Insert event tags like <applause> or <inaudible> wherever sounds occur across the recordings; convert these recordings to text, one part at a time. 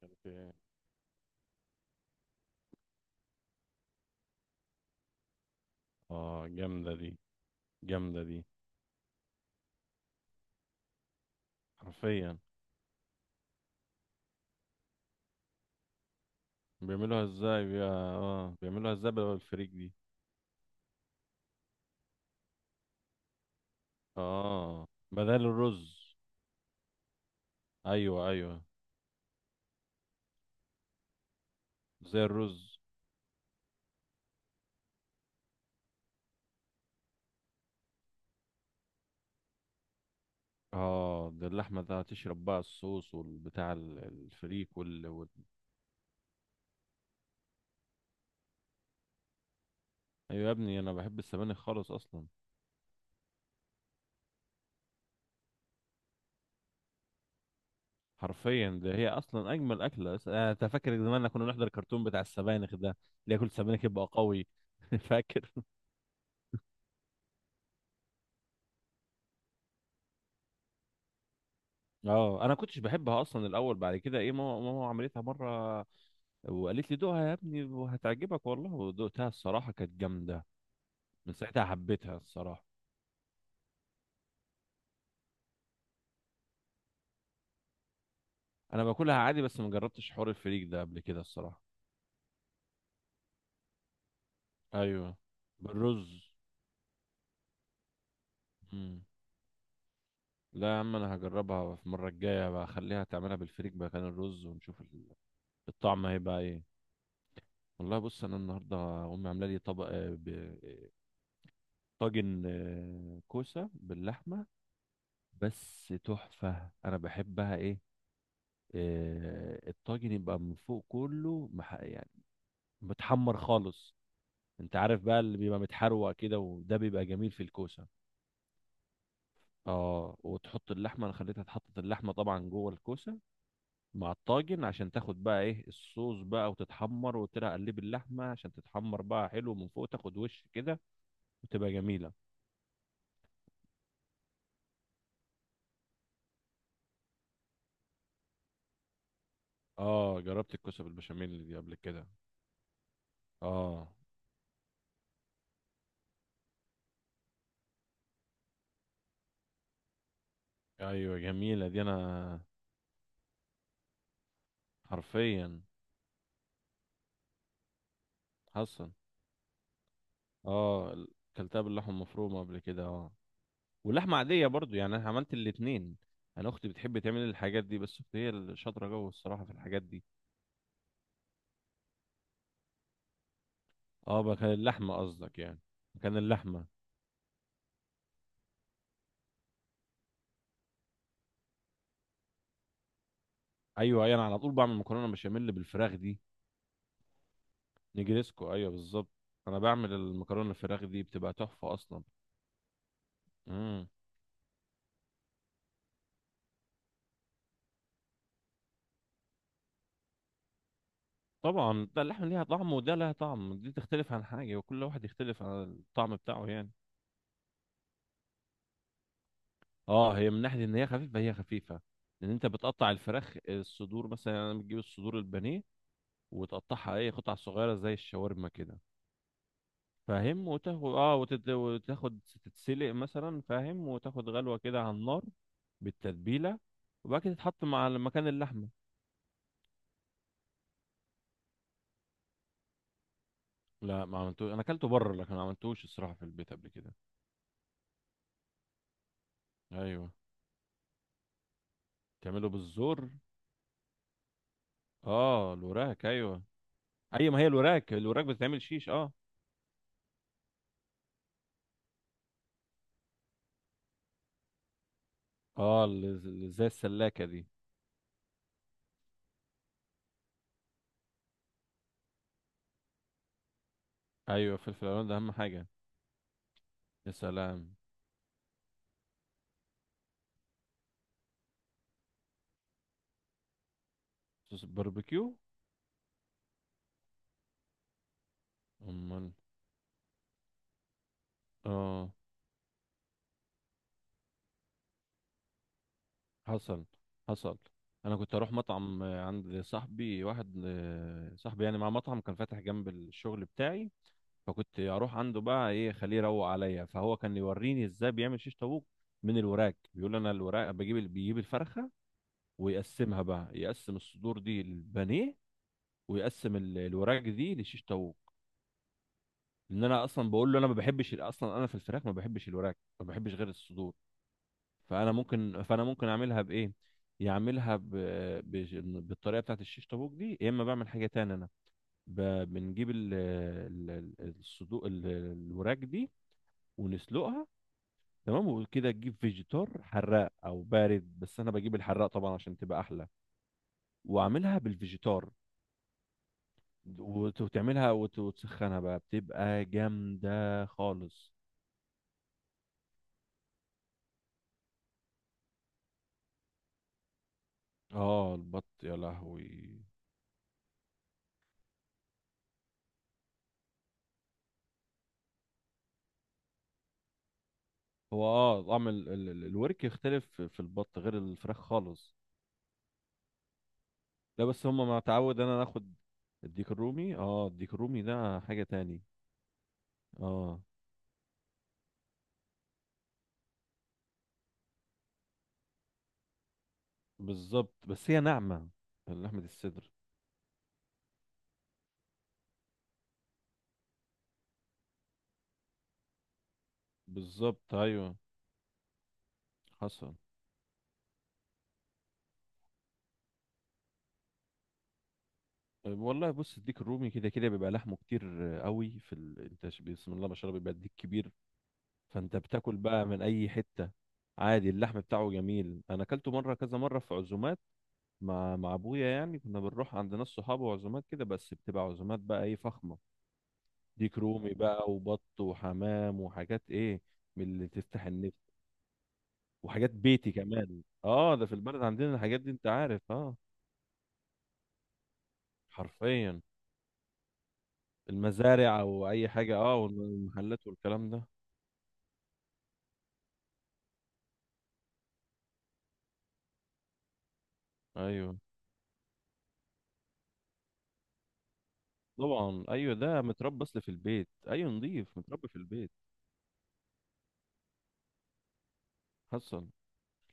إيه؟ اه، جامدة دي، جامدة دي. حرفيا. بيعملوها ازاي بي... اه بيعملوها ازاي بدل الفريك دي؟ اه، بدل الرز. ايوه ايوه، زي الرز. اه، ده اللحمة ده هتشرب بقى الصوص والبتاع الفريك ايوه يا ابني، انا بحب السبانخ خالص اصلا. حرفيا، ده هي اصلا اجمل اكله أس- انا أنت فاكر زمان كنا نحضر الكرتون بتاع السبانخ ده، اللي ياكل سبانخ يبقى قوي؟ <laughs> فاكر. اه، انا كنتش بحبها اصلا الاول، بعد كده ايه، ماما عملتها مره وقالت لي دوقها يا ابني وهتعجبك والله، ودوقتها الصراحه كانت جامده. من ساعتها حبيتها الصراحه. انا باكلها عادي بس ما جربتش حوار الفريك ده قبل كده الصراحه. ايوه، بالرز. مم. لا يا عم، انا هجربها في المره الجايه بقى، اخليها تعملها بالفريك مكان الرز ونشوف الطعم هيبقى ايه. والله بص، انا النهارده امي عامله لي طبق، آه، طاجن، كوسه باللحمه، بس تحفة. أنا بحبها إيه، الطاجن يبقى من فوق كله يعني متحمر خالص. أنت عارف بقى اللي بيبقى متحروق كده، وده بيبقى جميل في الكوسة. وتحط اللحمة، أنا خليتها تحط اللحمة طبعا جوه الكوسة مع الطاجن، عشان تاخد بقى إيه الصوص بقى وتتحمر. وقلت لها قلب اللحمة عشان تتحمر بقى حلو من فوق، تاخد وش كده وتبقى جميلة. جربت الكوسة بالبشاميل دي قبل كده. آه، أيوة جميلة دي أنا. حرفيا. حصل. اه ال- كلتها باللحمه المفرومه قبل كده، اه. واللحمه عاديه برضو، يعني انا عملت الاتنين. انا اختي بتحب تعمل الحاجات دي، بس اختي هي اللي شاطره جوه الصراحه في الحاجات دي. اه، بقى كان اللحمه قصدك يعني، كان اللحمه. ايوه ايوه، انا على طول بعمل مكرونه بشاميل بالفراخ دي. نجريسكو، ايوه بالظبط. انا بعمل المكرونه الفراخ دي بتبقى تحفه اصلا. امم طبعا، ده اللحمه ليها طعم وده لها طعم، دي تختلف عن حاجه، وكل واحد يختلف عن الطعم بتاعه يعني. اه، هي من ناحيه ان هي خفيفه، هي خفيفه. لان انت بتقطع الفراخ الصدور مثلا، يعني بتجيب الصدور البانيه وتقطعها اي قطع صغيره زي الشاورما كده. فاهم، وتاخد تتسلق مثلا، فاهم، وتاخد غلوه كده على النار بالتتبيله، وبعد كده تتحط مع مكان اللحمه. لا، ما عملتوش، انا اكلته بره، لكن ما عملتوش الصراحه في البيت قبل كده. ايوه، تعمله بالزور. اه، الوراك ايوه. ايوه، ما هي الوراك بتتعمل شيش اه. اه، اللي زي السلاكه دي. ايوه، فلفل الوان ده اهم حاجه. يا سلام. صوص الباربيكيو. امال. اه، حصل حصل. انا كنت اروح مطعم، عند صاحبي واحد، صاحبي يعني، مع مطعم كان فاتح جنب الشغل بتاعي. فكنت اروح عنده بقى، ايه، خليه يروق عليا. فهو كان يوريني ازاي بيعمل شيش طاووق من الوراك. بيقول انا الوراك بيجيب الفرخه ويقسمها بقى، يقسم الصدور دي للبانيه، ويقسم الوراك دي لشيش طاووق. ان انا اصلا بقول له انا ما بحبش اصلا، انا في الفراخ ما بحبش الوراك، ما بحبش غير الصدور. فانا ممكن اعملها بايه، يعملها بالطريقه بتاعت الشيش طاووق دي، يا اما بعمل حاجه تانية. انا ب... بنجيب ال... ال- ال- الصدور، الوراك دي ونسلقها. تمام، وكده تجيب فيجيتار حراق او بارد، بس انا بجيب الحراق طبعا عشان تبقى احلى، واعملها بالفيجيتار. وتعملها وتسخنها بقى، بتبقى جامده خالص. اه، البط يا لهوي. هو، اه، طعم الورك يختلف في البط غير الفراخ خالص. لا، بس هما ما تعود انا ناخد الديك الرومي، اه، الديك الرومي ده حاجة تاني. اه، بالظبط، بس هي ناعمة. لحمة الصدر. بالظبط، ايوه. حصل. طيب، والله بص، الديك الرومي كده كده بيبقى لحمه كتير، قوي في ال... انت ش- بسم الله ما شاء الله، بيبقى الديك كبير، فانت بتاكل بقى من اي حتة عادي. اللحم بتاعه جميل، انا اكلته مرة، كذا مرة في عزومات، مع ابويا يعني. كنا بنروح عند ناس صحابه وعزومات كده، بس بتبقى عزومات بقى ايه، فخمه. ديك رومي بقى، وبط، وحمام، وحاجات ايه، من اللي تفتح النفس. وحاجات بيتي كمان. اه، ده في البلد عندنا الحاجات دي انت عارف، اه. حرفيا. المزارع، او اي حاجه، اه، والمحلات والكلام ده. ايوه طبعا، ايوه، ده متربى اصل في البيت، ايوه نضيف، متربى في البيت. حصل.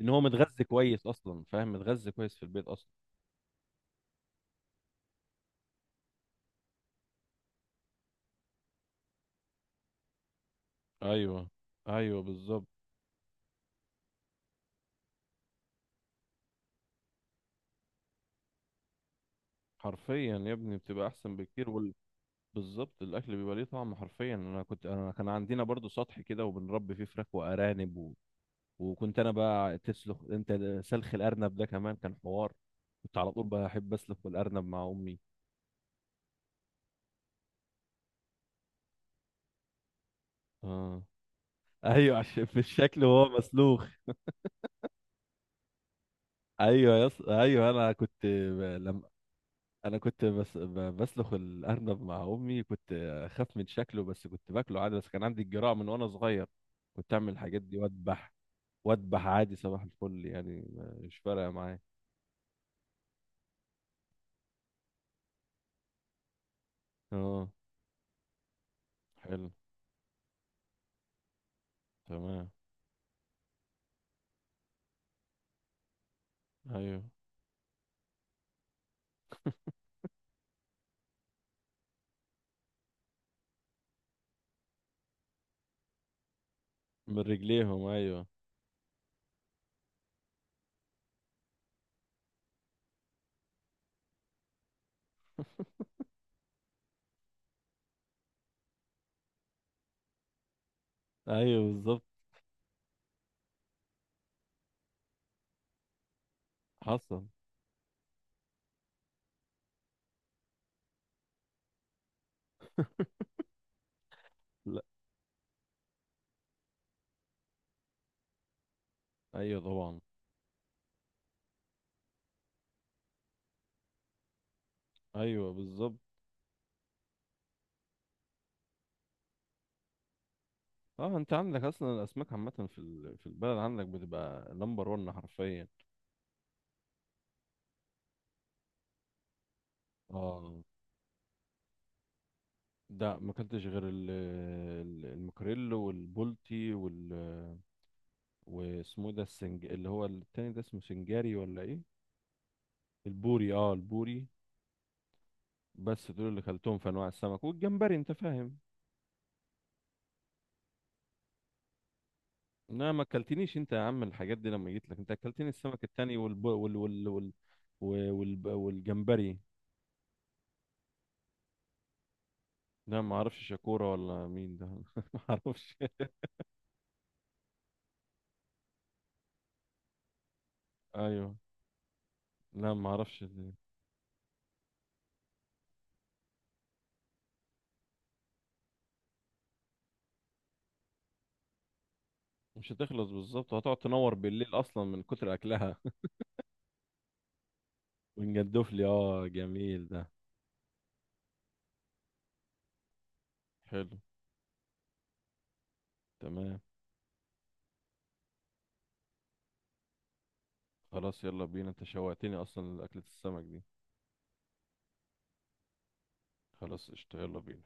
ان هو متغذي كويس اصلا، فاهم؟ متغذي كويس في البيت اصلا. ايوه ايوه بالظبط. حرفيا يا ابني، بتبقى احسن بكتير بالظبط. الاكل بيبقى ليه طعم حرفيا. انا كنت، كان عندنا برضو سطح كده، وبنربي فيه فراخ وارانب وكنت انا بقى تسلخ انت، سلخ الارنب ده كمان كان حوار. كنت على طول بحب اسلخ الارنب مع امي. اه. ايوه، عشان في الشكل وهو مسلوخ. ايوه، ايوه، انا كنت لما انا كنت بسلخ الارنب مع امي، كنت اخاف من شكله، بس كنت باكله عادي. بس كان عندي الجرأة من وانا صغير، كنت اعمل الحاجات دي، واذبح وأدبح عادي، صباح الفل، يعني مش فارقة معايا. اه، حلو، تمام ايوه. من رجليهم، ايوه ايوه بالظبط. حصل. <laughs> لا، ايوه طبعا، ايوه بالظبط. اه، انت عندك اصلا الاسماك عامه في البلد عندك، بتبقى نمبر 1 حرفيا. اه، ده ما اكلتش غير المكريل، والبولتي، وال. واسمه إيه ده، السنج، اللي هو التاني ده، اسمه سنجاري ولا ايه؟ البوري، اه البوري. بس دول اللي كلتهم في انواع السمك، والجمبري، انت فاهم. انما ما اكلتنيش انت يا عم الحاجات دي. لما جيت لك انت، اكلتني السمك التاني، والب... وال... وال... وال... و- والب... والجمبري. لا، ما اعرفش شاكورا ولا مين ده. <laughs> ما اعرفش. ايوه. لا، ما اعرفش دي. مش هتخلص، بالظبط، وهتقعد تنور بالليل اصلا من كتر اكلها. <laughs> ونجدف لي، اه، جميل ده. حلو، تمام. خلاص، يلا بينا، انت شوقتني اصلا لاكلة السمك دي. خلاص قشطة، يلا بينا.